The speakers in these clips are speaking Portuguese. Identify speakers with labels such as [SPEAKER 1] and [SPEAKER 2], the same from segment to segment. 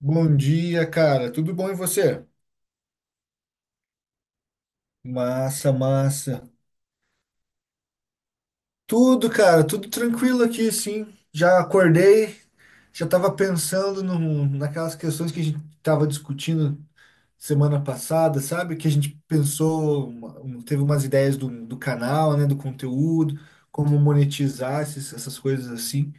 [SPEAKER 1] Bom dia, cara. Tudo bom e você? Massa, massa. Tudo, cara, tudo tranquilo aqui, sim. Já acordei, já tava pensando no naquelas questões que a gente tava discutindo semana passada, sabe? Que a gente pensou, teve umas ideias do canal, né? Do conteúdo, como monetizar essas coisas assim.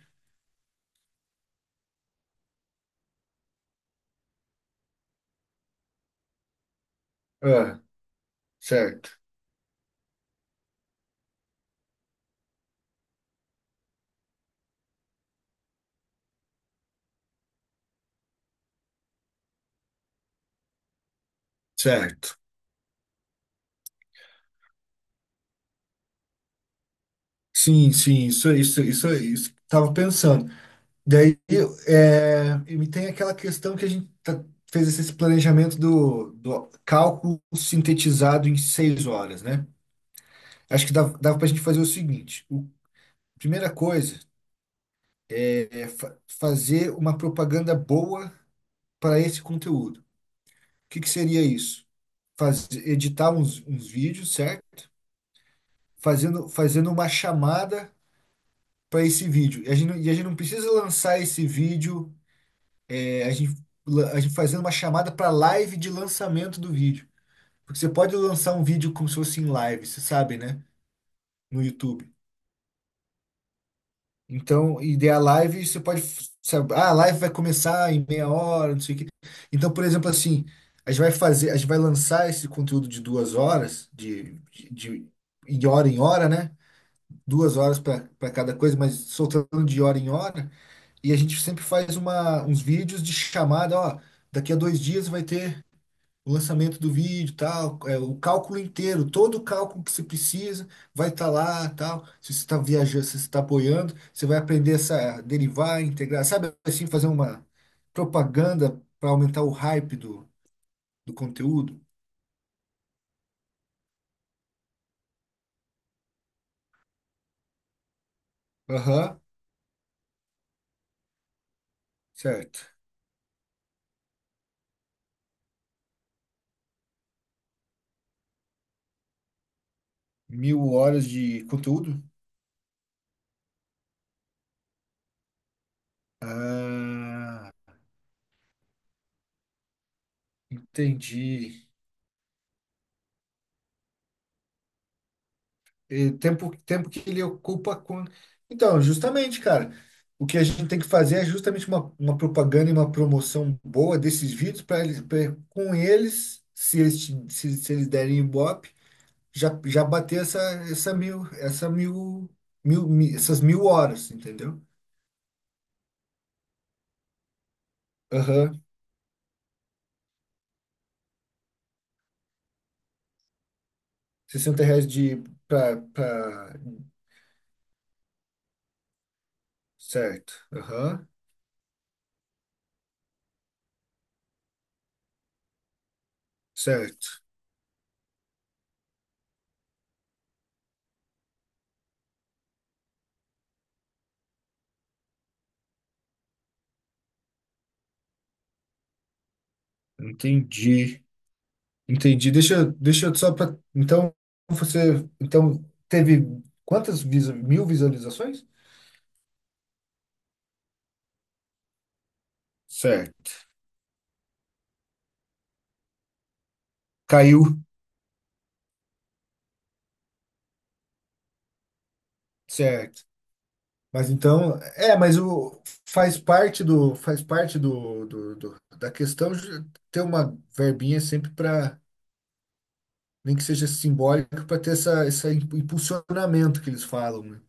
[SPEAKER 1] Ah, certo, certo. Sim, sim, isso. Tava pensando. Daí, é, e tem aquela questão que a gente fez esse planejamento do cálculo sintetizado em seis horas, né? Acho que dava para a gente fazer o seguinte: primeira coisa é, fazer uma propaganda boa para esse conteúdo. O que, que seria isso? Fazer, editar uns vídeos, certo? Fazendo uma chamada para esse vídeo. E a gente, e a gente não precisa lançar esse vídeo. É, a gente, a gente fazendo uma chamada para live de lançamento do vídeo. Porque você pode lançar um vídeo como se fosse em live, você sabe, né? No YouTube. Então, e daí a live, você pode, sabe, ah, a live vai começar em meia hora, não sei o quê. Então, por exemplo, assim, a gente vai lançar esse conteúdo de duas horas, de hora em hora, né? Duas horas para cada coisa, mas soltando de hora em hora. E a gente sempre faz uns vídeos de chamada, ó, daqui a dois dias vai ter o lançamento do vídeo, tal, é, o cálculo inteiro, todo o cálculo que você precisa vai estar lá, tal. Se você está viajando, se você está apoiando, você vai aprender essa derivar, integrar, sabe assim, fazer uma propaganda para aumentar o hype do conteúdo. Aham, certo. Mil horas de conteúdo? Ah, entendi. E tempo, tempo que ele ocupa com. Então, justamente, cara, o que a gente tem que fazer é justamente uma propaganda e uma promoção boa desses vídeos para eles, pra, com eles, se, se eles derem Ibope, já, já bater essa mil, essa mil, essas mil horas, entendeu? Aham. Sessenta reais de. Pra, pra... Certo. Aham. Certo. Entendi. Entendi. Deixa eu só para. Então, você. Então, teve mil visualizações? Certo. Caiu. Certo. Mas então. É, mas o, faz parte do. Faz parte da questão de ter uma verbinha sempre para. Nem que seja simbólica, para ter essa, esse impulsionamento que eles falam, né?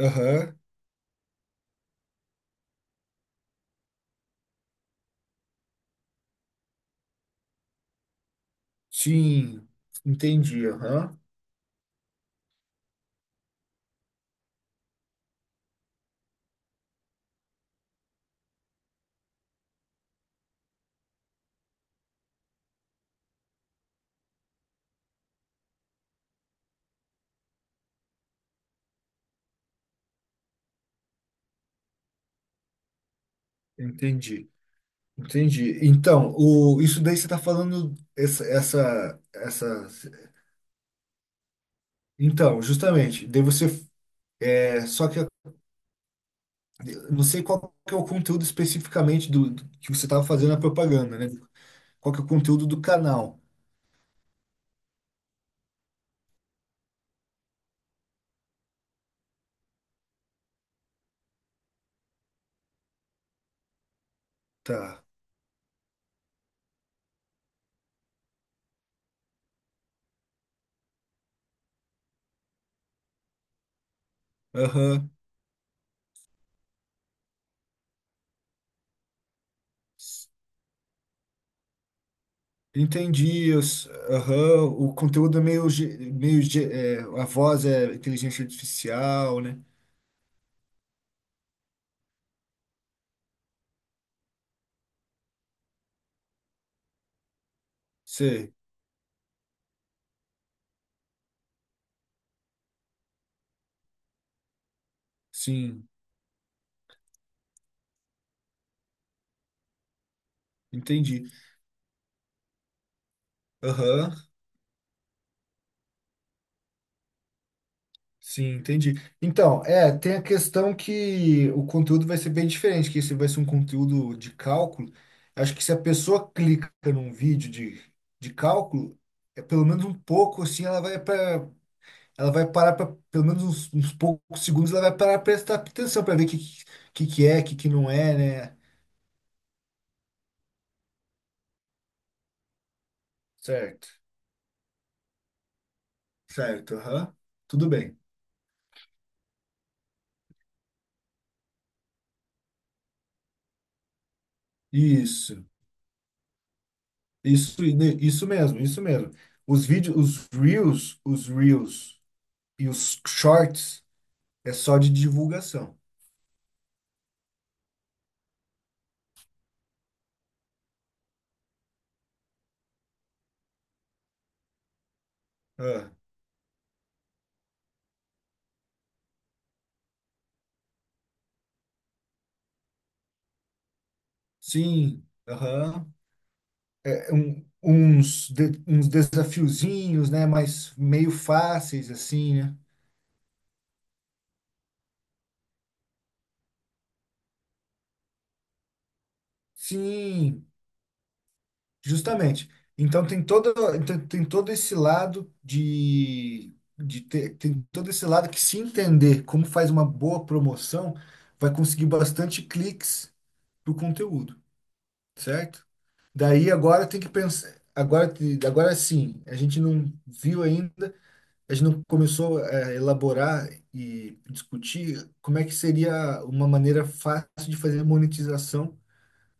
[SPEAKER 1] Ah, aham. Sim. Entendi. Aham. Entendi. Entendi. Então, o, isso daí você está falando essa. Então, justamente, daí você. É, só que eu não sei qual que é o conteúdo especificamente do que você estava fazendo a propaganda, né? Qual que é o conteúdo do canal? Tá. Aham. Entendi. Aham. O conteúdo é meio, é, a voz é inteligência artificial, né? Sei. Sim. Entendi. Aham. Sim, entendi. Então, é, tem a questão que o conteúdo vai ser bem diferente, que esse vai ser um conteúdo de cálculo, acho que se a pessoa clica num vídeo de cálculo, é pelo menos um pouco assim, ela vai parar para pelo menos uns poucos segundos, ela vai parar para prestar atenção para ver o que, que é, o que que não é, né? Certo. Certo, aham. Tudo bem. Isso. Isso, né, isso mesmo, isso mesmo. Os vídeos, os reels e os shorts é só de divulgação. Ah, sim, aham. Uns, uns desafiozinhos, né? Mas meio fáceis, assim, né? Sim, justamente. Então tem todo, tem, tem todo esse lado de ter, tem todo esse lado que se entender como faz uma boa promoção, vai conseguir bastante cliques pro conteúdo, certo? Daí agora tem que pensar, agora sim, a gente não viu ainda, a gente não começou é, a elaborar e discutir como é que seria uma maneira fácil de fazer monetização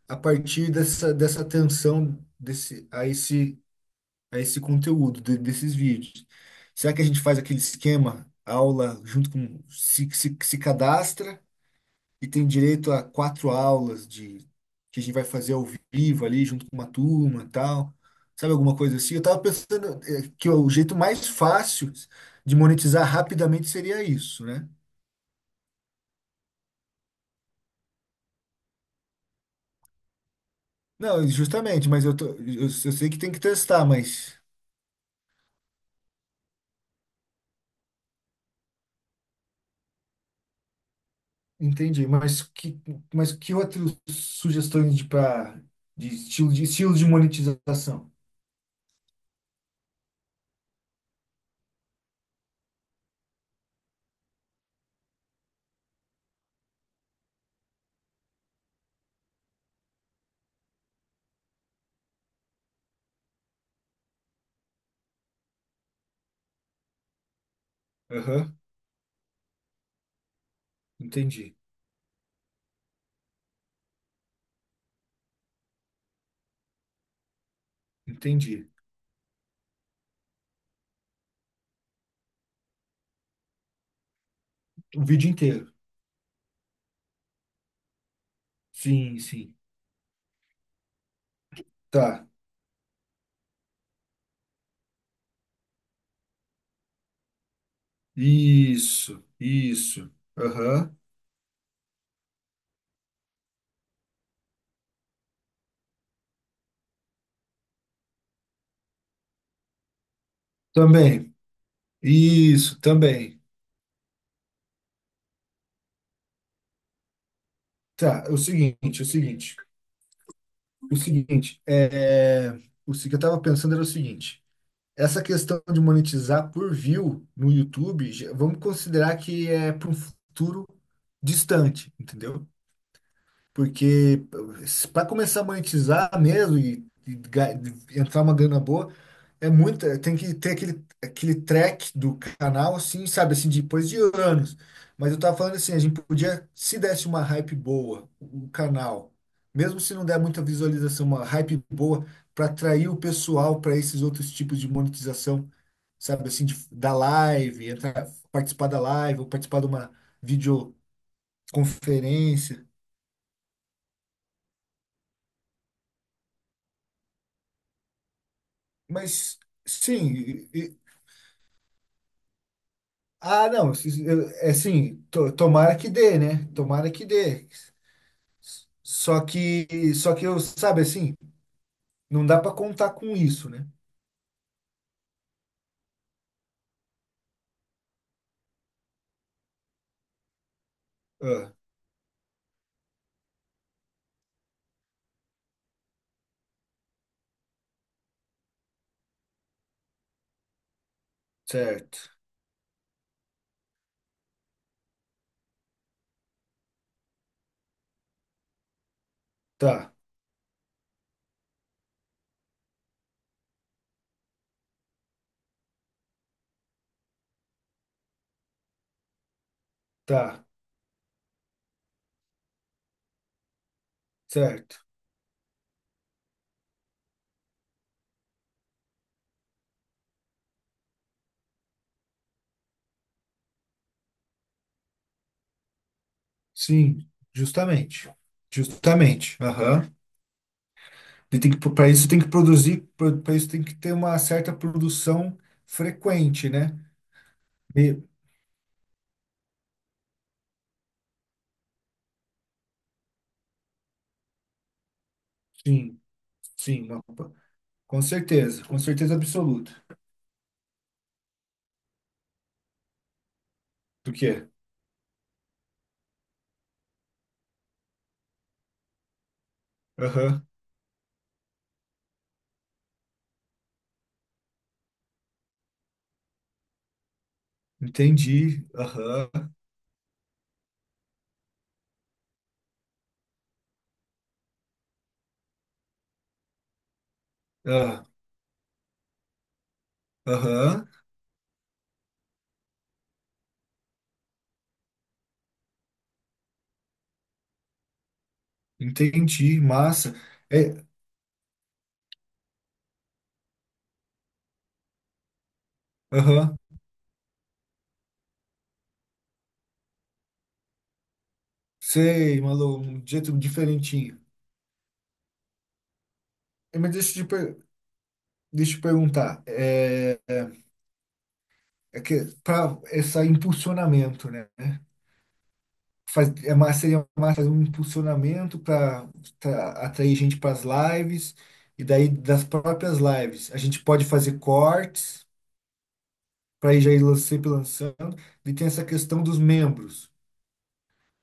[SPEAKER 1] a partir dessa, dessa atenção desse, a esse conteúdo, desses vídeos. Será que a gente faz aquele esquema, aula, junto com, se cadastra, e tem direito a quatro aulas de que a gente vai fazer ao vivo ali, junto com uma turma e tal. Sabe alguma coisa assim? Eu tava pensando que o jeito mais fácil de monetizar rapidamente seria isso, né? Não, justamente, eu sei que tem que testar, mas entendi. Mas que outras sugestões de, pra, de estilo de monetização? Aham, entendi, entendi. O vídeo inteiro. Sim, sim. Tá. Isso, isso. Aham. Também. Isso, também. Tá, é o seguinte, é, o se- que eu tava pensando era o seguinte, essa questão de monetizar por view no YouTube, já- vamos considerar que é para um futuro distante, entendeu? Porque para começar a monetizar mesmo e entrar uma grana boa, é muito, é, tem que ter aquele, aquele track do canal, assim, sabe, assim, depois de anos. Mas eu tava falando assim, a gente podia, se desse uma hype boa, o canal, mesmo se não der muita visualização, uma hype boa para atrair o pessoal para esses outros tipos de monetização, sabe, assim, de, da live, entrar, participar da live, ou participar de uma videoconferência. Mas sim, e- e- ah, não, é assim, tomara que dê, né? Tomara que dê. Só que eu, sabe assim, não dá para contar com isso, né? Ah, certo. Tá, tá, certo. Sim, justamente. Justamente. Aham. E tem que, para isso tem que produzir, para isso tem que ter uma certa produção frequente, né? E- sim, sim, uma- com certeza absoluta. Do quê? Entendi. Aham. Ah, aham. Entendi. Massa. É, aham. Sei, Malu, um jeito diferentinho. É, deixa eu te perguntar. É, é que para esse impulsionamento, né? Faz, é mais, seria mais fazer um impulsionamento para atrair gente para as lives. E daí, das próprias lives, a gente pode fazer cortes para ir lan- sempre lançando. E tem essa questão dos membros.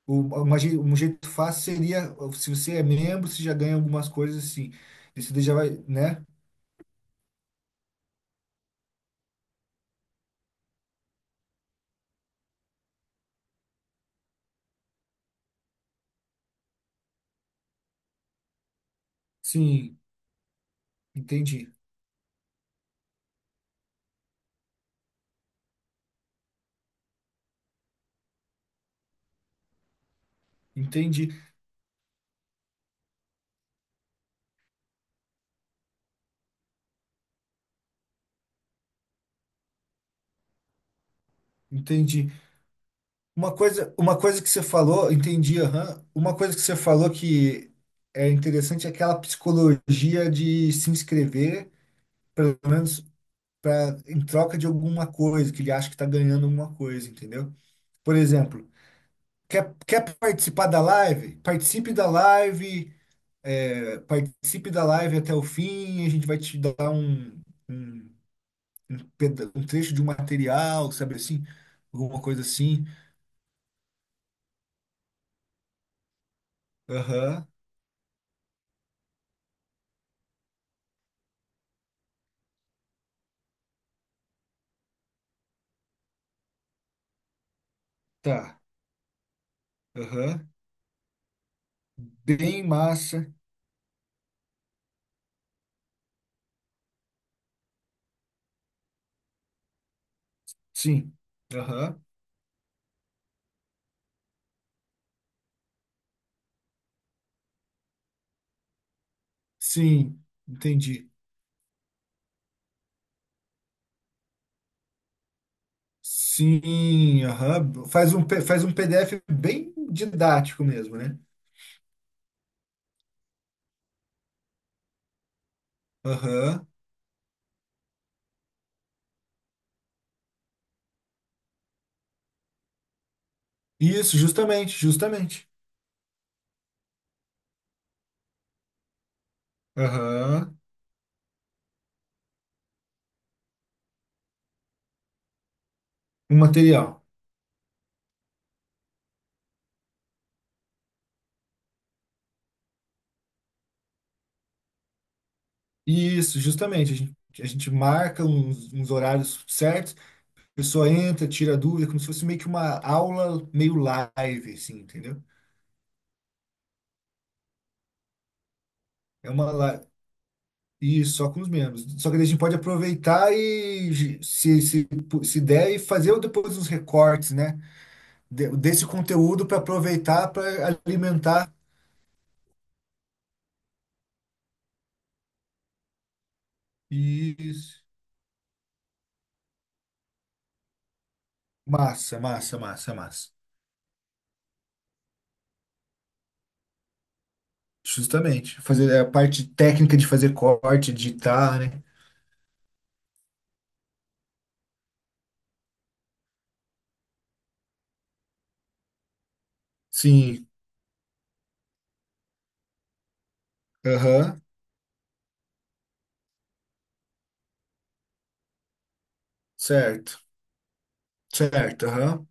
[SPEAKER 1] Um jeito fácil seria, se você é membro, você já ganha algumas coisas assim. Isso daí já vai, né? Sim, entendi. Entendi, entendi. Uma coisa que você falou, entendi, aham. Uma coisa que você falou que é interessante é aquela psicologia de se inscrever, pelo menos pra, em troca de alguma coisa, que ele acha que está ganhando alguma coisa, entendeu? Por exemplo, quer participar da live? Participe da live. É, participe da live até o fim, a gente vai te dar um, um um trecho de um material, sabe assim? Alguma coisa assim. Aham, tá. Aham. Bem massa. Sim. Aham. Sim, entendi. Sim, aham. Faz um PDF bem didático mesmo, né? Aham. Isso, justamente, justamente. Aham. Um material. Isso, justamente. A gente marca uns horários certos, a pessoa entra, tira dúvida, como se fosse meio que uma aula meio live, assim, entendeu? É uma live. Isso, só com os membros. Só que daí a gente pode aproveitar se der, e fazer depois uns recortes, né? Desse conteúdo para aproveitar, para alimentar. Isso. Massa, massa, massa, massa. Justamente. Fazer a parte técnica de fazer corte, editar, né? Sim. Aham. Certo, certo, aham.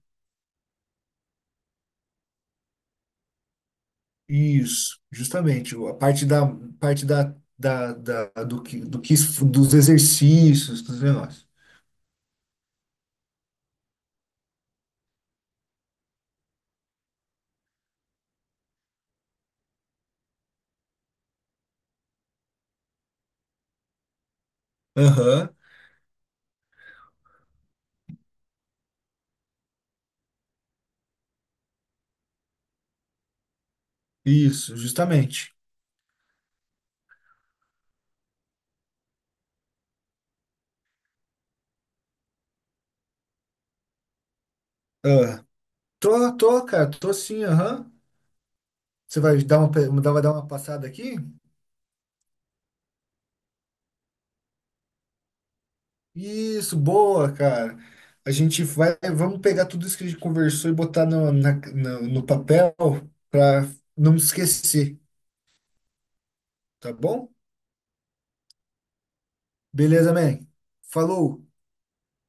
[SPEAKER 1] Isso, justamente. A parte da do que dos exercícios, dos negócios. Aham, isso, justamente. Ah, tô sim, aham. Você vai dar uma, vai dar uma passada aqui? Isso, boa, cara. Vamos pegar tudo isso que a gente conversou e botar no, no papel para não esquecer, tá bom? Beleza, man. Falou.